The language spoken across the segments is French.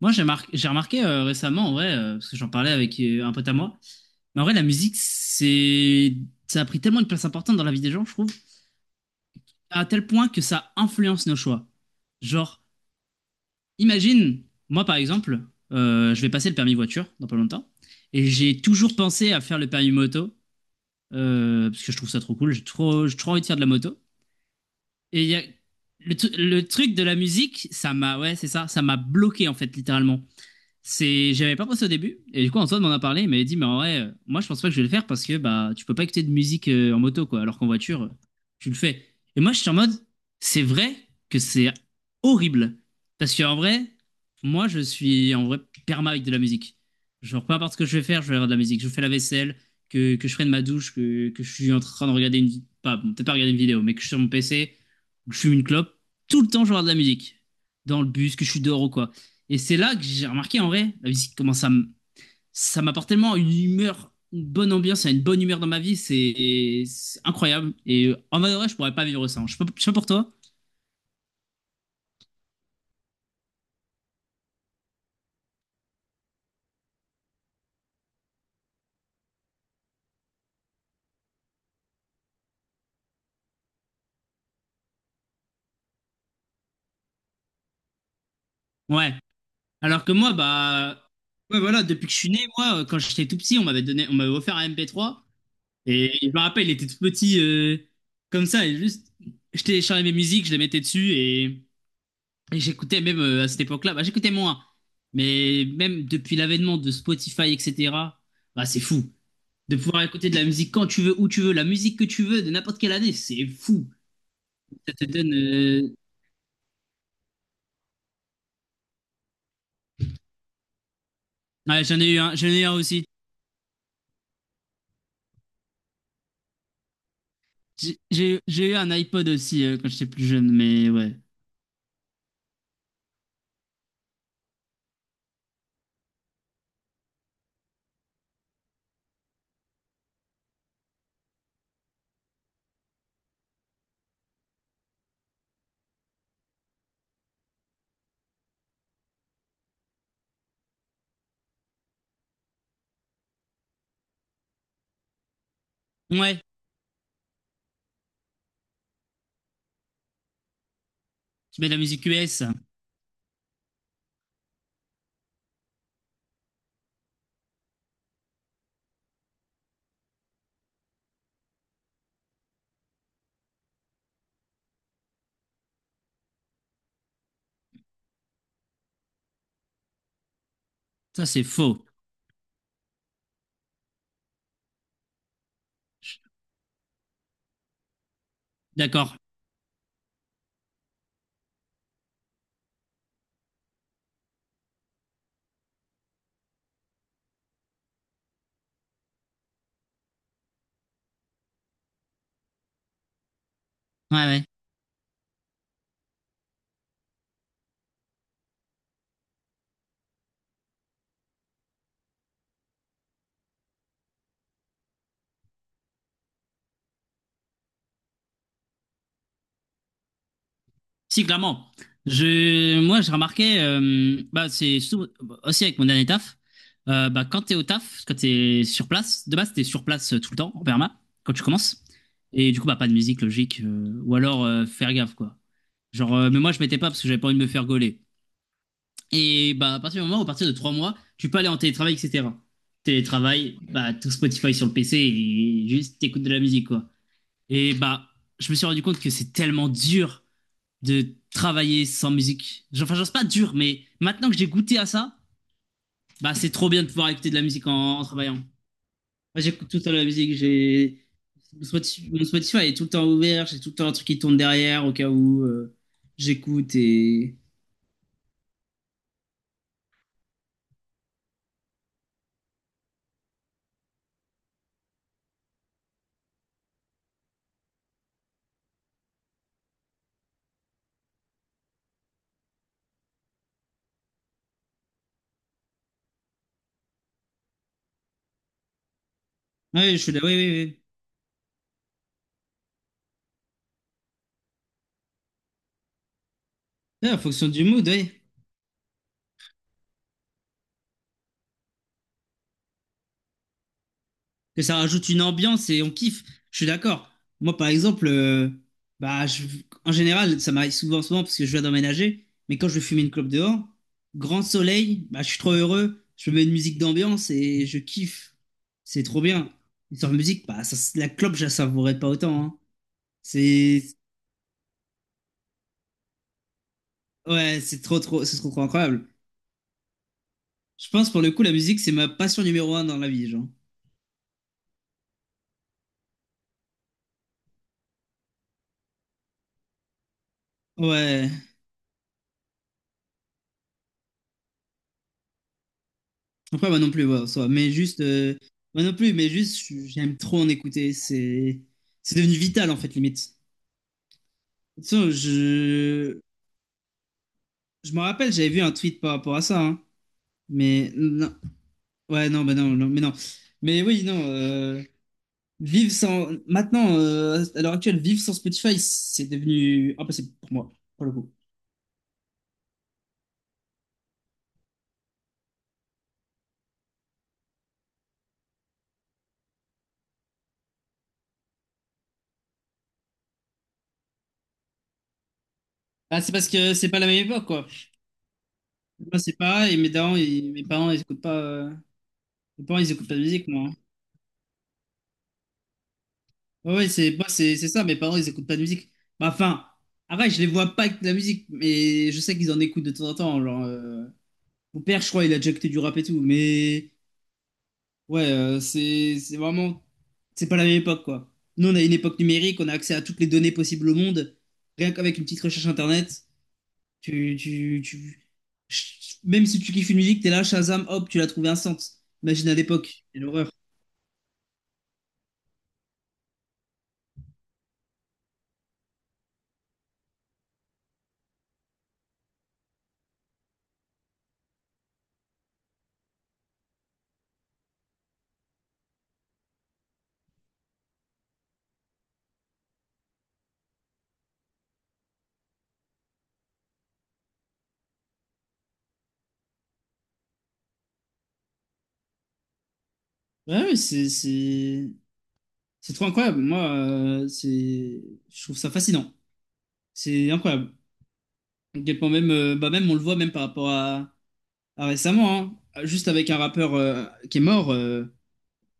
Moi, j'ai remarqué récemment, en vrai, parce que j'en parlais avec un pote à moi, mais en vrai, la musique, ça a pris tellement une place importante dans la vie des gens, je trouve, à tel point que ça influence nos choix. Genre, imagine, moi, par exemple, je vais passer le permis voiture dans pas longtemps, et j'ai toujours pensé à faire le permis moto, parce que je trouve ça trop cool, j'ai trop envie de faire de la moto. Et il y a... le truc de la musique, ouais, c'est ça, ça m'a bloqué, en fait, littéralement. J'avais pas pensé au début, et du coup Antoine m'en a parlé, il m'avait dit mais en vrai, moi je pense pas que je vais le faire parce que bah tu peux pas écouter de musique en moto quoi, alors qu'en voiture tu le fais. Et moi je suis en mode, c'est vrai que c'est horrible parce que en vrai, moi je suis en vrai perma avec de la musique. Genre peu importe ce que je vais faire, je vais avoir de la musique. Je fais la vaisselle, que je prenne ma douche, que je suis en train de regarder pas bon, peut-être pas regarder une vidéo, mais que je suis sur mon PC, que je fume une clope, tout le temps je vais avoir de la musique dans le bus, que je suis dehors ou quoi. Et c'est là que j'ai remarqué en vrai, la musique, comment ça m'apporte tellement une humeur, une bonne ambiance, une bonne humeur dans ma vie, c'est incroyable. Et en vrai, de vrai, je pourrais pas vivre sans. Je sais pas pour toi. Ouais. Alors que moi, bah, ouais, voilà, depuis que je suis né, moi, quand j'étais tout petit, on m'avait offert un MP3. Et je me rappelle, il était tout petit, comme ça, et juste, je téléchargeais mes musiques, je les mettais dessus, et j'écoutais même à cette époque-là, bah, j'écoutais moins. Mais même depuis l'avènement de Spotify, etc., bah, c'est fou. De pouvoir écouter de la musique quand tu veux, où tu veux, la musique que tu veux, de n'importe quelle année, c'est fou. Ça te donne. Ouais, j'en ai eu un aussi. J'ai eu un iPod aussi quand j'étais plus jeune, mais ouais. Ouais, tu mets de la musique US. Ça, c'est faux. Je- D'accord. Ouais, ouais. Si, clairement. Moi, je remarquais, bah, c'est surtout aussi avec mon dernier taf, bah, quand t'es au taf, quand t'es sur place, de base, t'es sur place tout le temps, en perma, quand tu commences. Et du coup, bah, pas de musique, logique, ou alors faire gaffe, quoi. Genre, mais moi, je mettais pas parce que j'avais pas envie de me faire gauler. Et bah, à partir de 3 mois, tu peux aller en télétravail, etc. Télétravail, bah, tout Spotify sur le PC et juste t'écoutes de la musique, quoi. Et bah, je me suis rendu compte que c'est tellement dur de travailler sans musique. Enfin, genre, c'est pas dur, mais maintenant que j'ai goûté à ça, bah, c'est trop bien de pouvoir écouter de la musique en travaillant. Moi, j'écoute tout le temps de la musique, j'ai. Mon Spotify est tout le temps ouvert, j'ai tout le temps un truc qui tourne derrière au cas où j'écoute et. Ouais, je fais de la- oui, oui, oui. Ouais, en fonction du mood, oui. Que ça rajoute une ambiance et on kiffe. Je suis d'accord. Moi, par exemple, bah, en général, ça m'arrive souvent parce que je viens d'emménager, mais quand je vais fumer une clope dehors, grand soleil, bah, je suis trop heureux, je mets une musique d'ambiance et je kiffe. C'est trop bien. Et sans musique, bah, ça, la clope, je la savourais pas autant, hein. C'est, ouais, c'est trop, trop incroyable. Je pense, pour le coup, la musique, c'est ma passion numéro un dans la vie, genre. Ouais. Après, moi non plus, ouais, en soi. Mais juste, moi non plus, mais juste, j'aime trop en écouter. C'est devenu vital, en fait, limite. De toute façon, je me rappelle, j'avais vu un tweet par rapport à ça, hein. Mais non, ouais, mais non. Mais oui, non. Vivre sans, maintenant, à l'heure actuelle, vivre sans Spotify, c'est devenu impossible pour moi, pour le coup. Ah, c'est parce que c'est pas la même époque, quoi. Moi, c'est pareil. Mes parents, ils écoutent pas. Mes parents, ils écoutent pas de musique, moi, hein. Ouais ouais, c'est moi, c'est ça. Mes parents, ils écoutent pas de musique. Bah, enfin, après, je les vois pas avec de la musique, mais je sais qu'ils en écoutent de temps en temps. Genre, mon père, je crois, il a déjà écouté du rap et tout. Mais ouais, c'est vraiment, c'est pas la même époque, quoi. Nous, on a une époque numérique, on a accès à toutes les données possibles au monde. Rien qu'avec une petite recherche internet, tu, même si tu kiffes une musique, t'es là, Shazam, hop, tu l'as trouvé instant. Imagine à l'époque, quelle horreur. Ouais, ouais, c'est c'est trop incroyable. Moi, je trouve ça fascinant. C'est incroyable. À quel point même, bah même on le voit même par rapport à récemment, hein. Juste avec un rappeur qui est mort,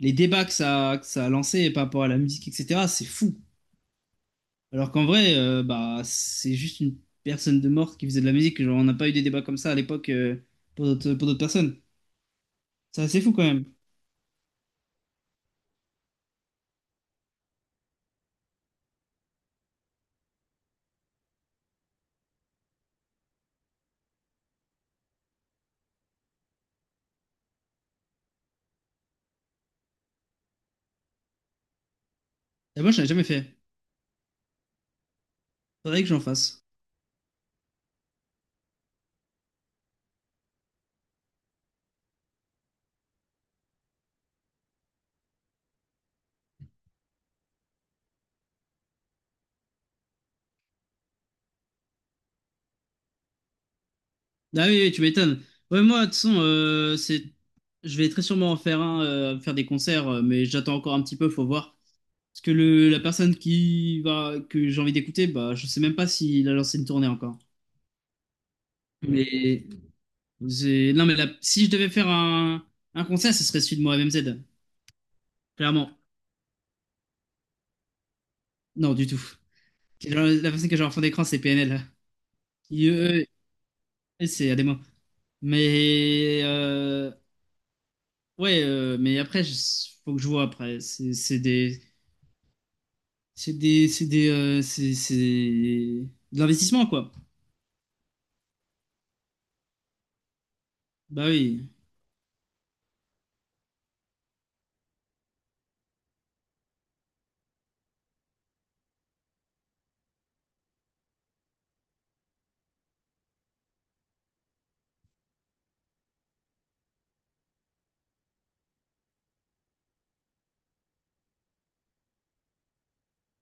les débats que ça a lancé par rapport à la musique, etc. C'est fou. Alors qu'en vrai, bah c'est juste une personne de mort qui faisait de la musique. Genre, on n'a pas eu des débats comme ça à l'époque pour d'autres personnes. C'est assez fou quand même. Et moi, je l'ai jamais fait. Faudrait que j'en fasse. Ah oui, oui, tu m'étonnes. Ouais, moi, de toute façon, c'est... je vais très sûrement en faire un, faire des concerts, mais j'attends encore un petit peu, faut voir. Parce que la personne qui va, que j'ai envie d'écouter, bah, je sais même pas s'il a lancé une tournée encore. Mais non, si je devais faire un concert, ce serait celui de Mohamed MZ, clairement. Non, du tout. La personne que j'ai en fond d'écran, c'est PNL. Ils, eux, c'est Ademo. Mais ouais, mais après, faut que je vois après. C'est des, C'est des, c'est des, c'est de l'investissement, quoi. Bah oui,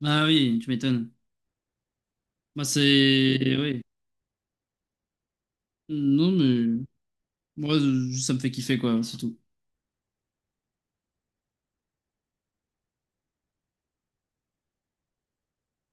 bah oui, tu m'étonnes. Bah c'est, oui. Non mais, moi, ça me fait kiffer, quoi, c'est tout.